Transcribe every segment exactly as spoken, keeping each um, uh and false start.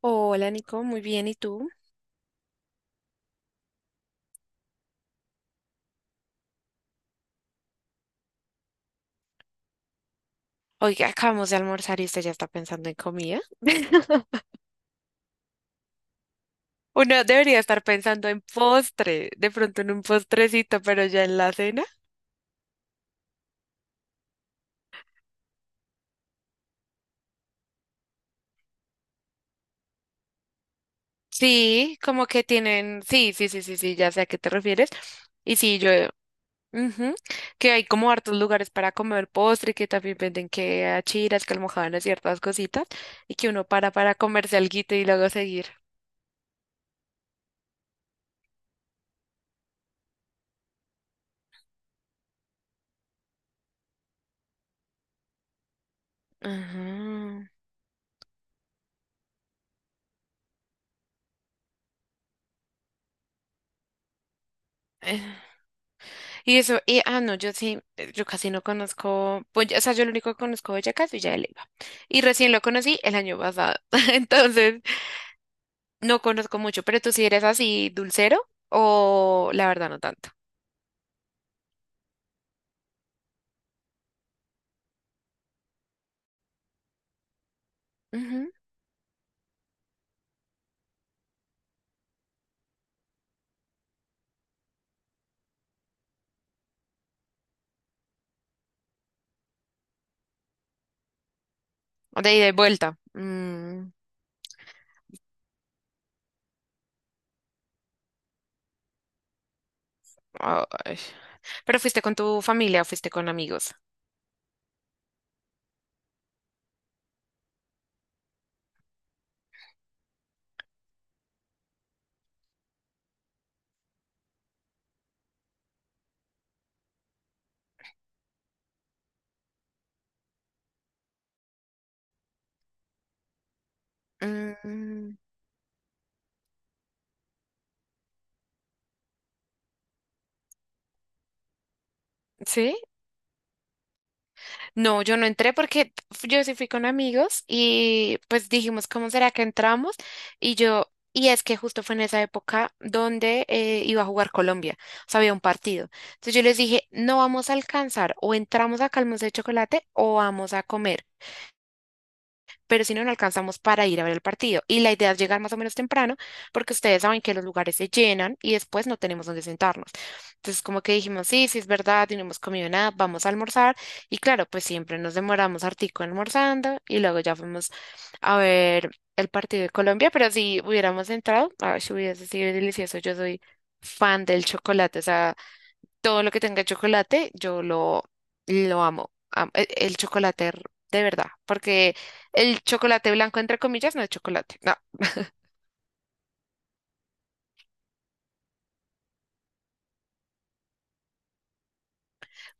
Hola Nico, muy bien, ¿y tú? Oiga, acabamos de almorzar y usted ya está pensando en comida. Uno debería estar pensando en postre, de pronto en un postrecito, pero ya en la cena. Sí, como que tienen, sí, sí, sí, sí, sí, ya sé a qué te refieres. Y sí, yo, ujú, que hay como hartos lugares para comer postre, que también venden que achiras, que almojábanas, ciertas cositas, y que uno para para comerse alguito y luego seguir. Ajá. Y eso, y ah, no, yo sí, eh, yo casi no conozco, pues, ya- o sea, yo lo único que conozco de Boyacá es Villa de Leyva. Y recién lo conocí el año pasado. Entonces, no conozco mucho. ¿Pero tú sí eres así dulcero o la verdad no tanto? Ujú. O de ida y vuelta. Mm, ay. ¿Pero fuiste con tu familia o fuiste con amigos? Mm. ¿Sí? No, yo no entré porque yo sí fui con amigos y pues dijimos, ¿cómo será que entramos? Y yo, y es que justo fue en esa época donde eh, iba a jugar Colombia, o sea, había un partido. Entonces yo les dije, no vamos a alcanzar, o entramos a calmos de chocolate o vamos a comer, pero si no, no alcanzamos para ir a ver el partido. Y la idea es llegar más o menos temprano, porque ustedes saben que los lugares se llenan y después no tenemos dónde sentarnos. Entonces, como que dijimos, sí, sí es verdad, y no hemos comido nada, vamos a almorzar. Y claro, pues siempre nos demoramos hartico almorzando y luego ya fuimos a ver el partido de Colombia, pero si hubiéramos entrado, ay, si hubiese sido delicioso. Yo soy fan del chocolate, o sea, todo lo que tenga chocolate, yo lo, lo amo. Am- e- El, chocolate r- de verdad, porque el chocolate blanco, entre comillas, no es chocolate, no.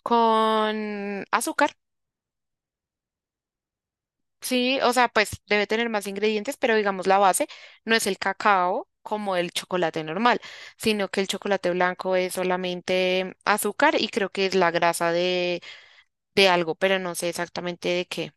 Con azúcar, sí, o sea, pues debe tener más ingredientes, pero digamos la base no es el cacao como el chocolate normal, sino que el chocolate blanco es solamente azúcar y creo que es la grasa de, de algo, pero no sé exactamente de qué.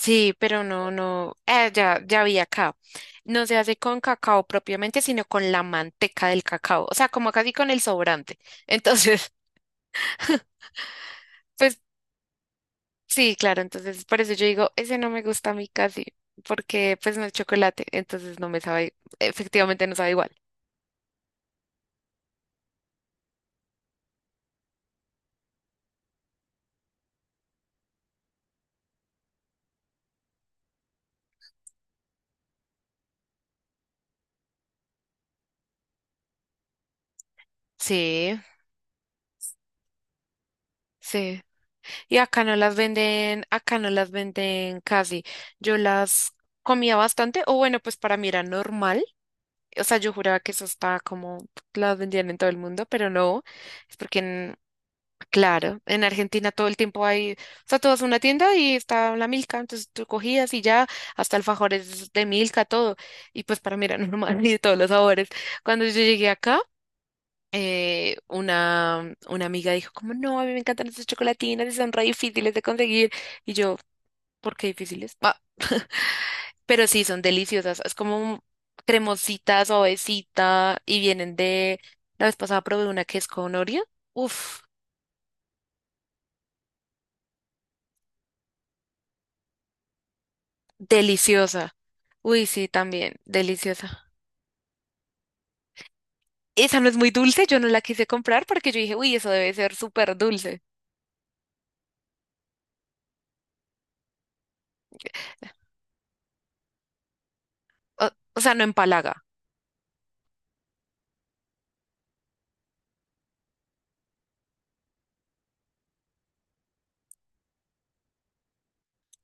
Sí, pero no, no, eh, ya, ya vi acá. No se hace con cacao propiamente, sino con la manteca del cacao, o sea, como casi con el sobrante. Entonces, pues sí, claro, entonces por eso yo digo, ese no me gusta a mí casi, porque pues no es chocolate, entonces no me sabe, efectivamente no sabe igual. Sí, sí. Y acá no las venden, acá no las venden casi. Yo las comía bastante, o bueno, pues para mí era normal. O sea, yo juraba que eso estaba como, las vendían en todo el mundo, pero no, es porque, en- claro, en Argentina todo el tiempo hay, o sea, tú vas a una tienda y está la Milka, entonces tú cogías y ya, hasta alfajores de Milka, todo, y pues para mí era normal y de todos los sabores. Cuando yo llegué acá, eh, una, una amiga dijo como, no, a mí me encantan esas chocolatinas y son re difíciles de conseguir, y yo, ¿por qué difíciles? Ah. Pero sí, son deliciosas. Es como cremosita, suavecita y vienen de… La vez pasada probé una que es con Oreo. Uf, deliciosa. Uy, sí, también, deliciosa. Esa no es muy dulce, yo no la quise comprar porque yo dije, uy, eso debe ser súper dulce. O, o sea, no empalaga.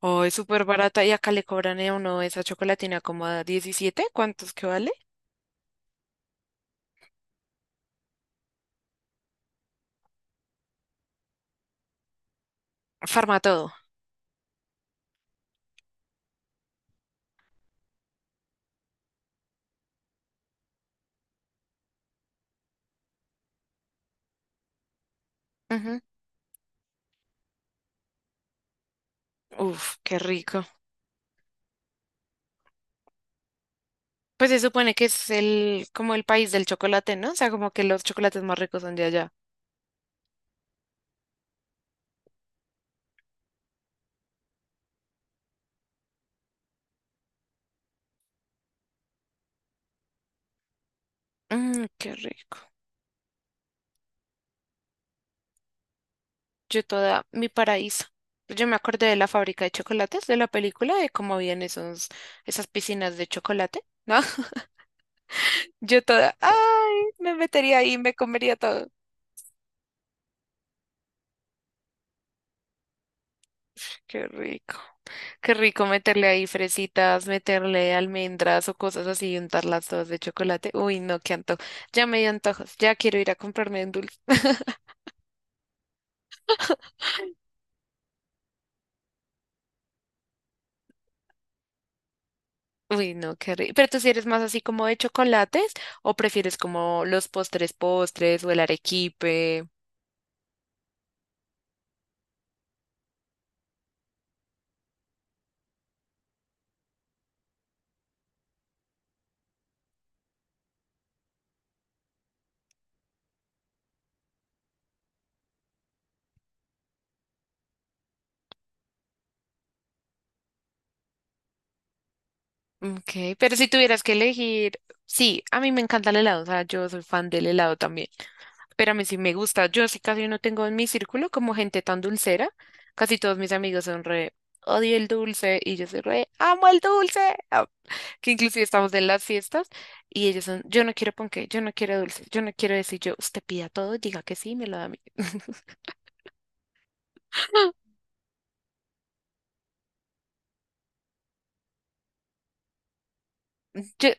Oh, es súper barata y acá le cobran a uno esa chocolatina como a diecisiete, ¿cuántos que vale? Farmatodo. Ujú. Uf, qué rico. Pues se supone que es el, como el país del chocolate, ¿no? O sea, como que los chocolates más ricos son de allá. Mmm, qué rico. Yo toda mi paraíso. Yo me acordé de la fábrica de chocolates de la película, de cómo habían esos, esas piscinas de chocolate, ¿no? Yo toda, ay, me metería ahí, me comería todo. Qué rico. Qué rico meterle ahí fresitas, meterle almendras o cosas así y untarlas todas de chocolate. Uy, no, qué antojo. Ya me dio antojos. Ya quiero ir a comprarme un dulce. Uy, no, qué rico. ¿Pero tú si eres más así como de chocolates o prefieres como los postres postres o el arequipe? Ok, pero si tuvieras que elegir, sí, a mí me encanta el helado, o sea, yo soy fan del helado también, pero a mí sí me gusta, yo sí casi no tengo en mi círculo como gente tan dulcera, casi todos mis amigos son re, odio el dulce y yo soy re, amo el dulce. Ah, que inclusive estamos en las fiestas y ellos son, yo no quiero ponqué, yo no quiero dulce, yo no quiero decir yo, usted pida todo, diga que sí, me lo da a mí. Yo-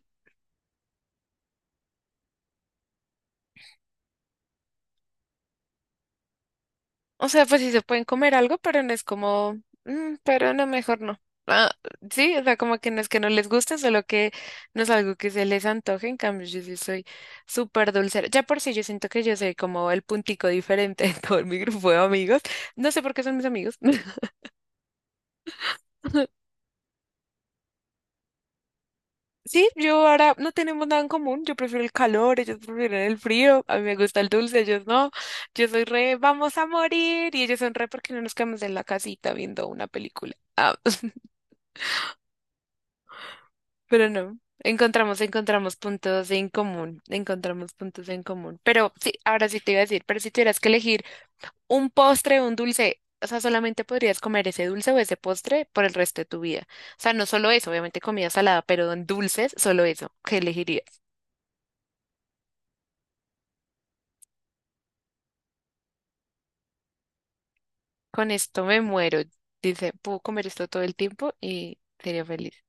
O sea, pues sí se pueden comer algo, pero no es como, "Mm, pero no, mejor no". Ah, sí, o sea, como que no es que no les guste, solo que no es algo que se les antoje. En cambio, yo sí soy súper dulcera. Ya por sí, yo siento que yo soy como el puntico diferente en todo mi grupo de amigos. No sé por qué son mis amigos. Sí, yo ahora no tenemos nada en común. Yo prefiero el calor, ellos prefieren el frío. A mí me gusta el dulce, ellos no. Yo soy re, vamos a morir. Y ellos son re porque no nos quedamos en la casita viendo una película. Ah. Pero no, encontramos, encontramos puntos en común, encontramos puntos en común. Pero sí, ahora sí te iba a decir, pero si tuvieras que elegir un postre o un dulce, o sea, solamente podrías comer ese dulce o ese postre por el resto de tu vida. O sea, no solo eso, obviamente comida salada, pero en dulces, solo eso, ¿qué elegirías? Con esto me muero. Dice, puedo comer esto todo el tiempo y sería feliz.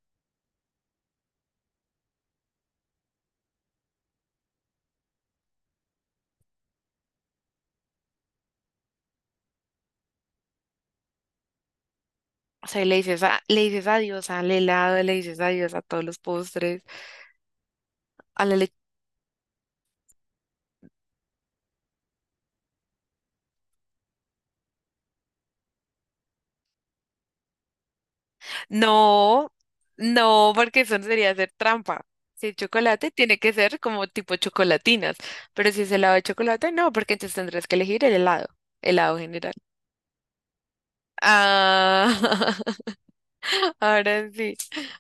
O sea, le dices, a- le dices adiós al helado, le dices adiós a todos los postres, a la… No, no, porque eso sería hacer trampa. Si es chocolate, tiene que ser como tipo chocolatinas. Pero si es helado de chocolate, no, porque entonces tendrás que elegir el helado, helado general. Ah, ahora sí,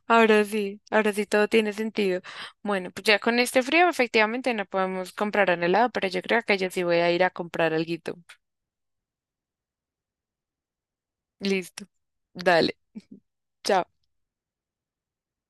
ahora sí, ahora sí todo tiene sentido. Bueno, pues ya con este frío efectivamente no podemos comprar un helado, pero yo creo que yo sí voy a ir a comprar alguito. Listo, dale, chao.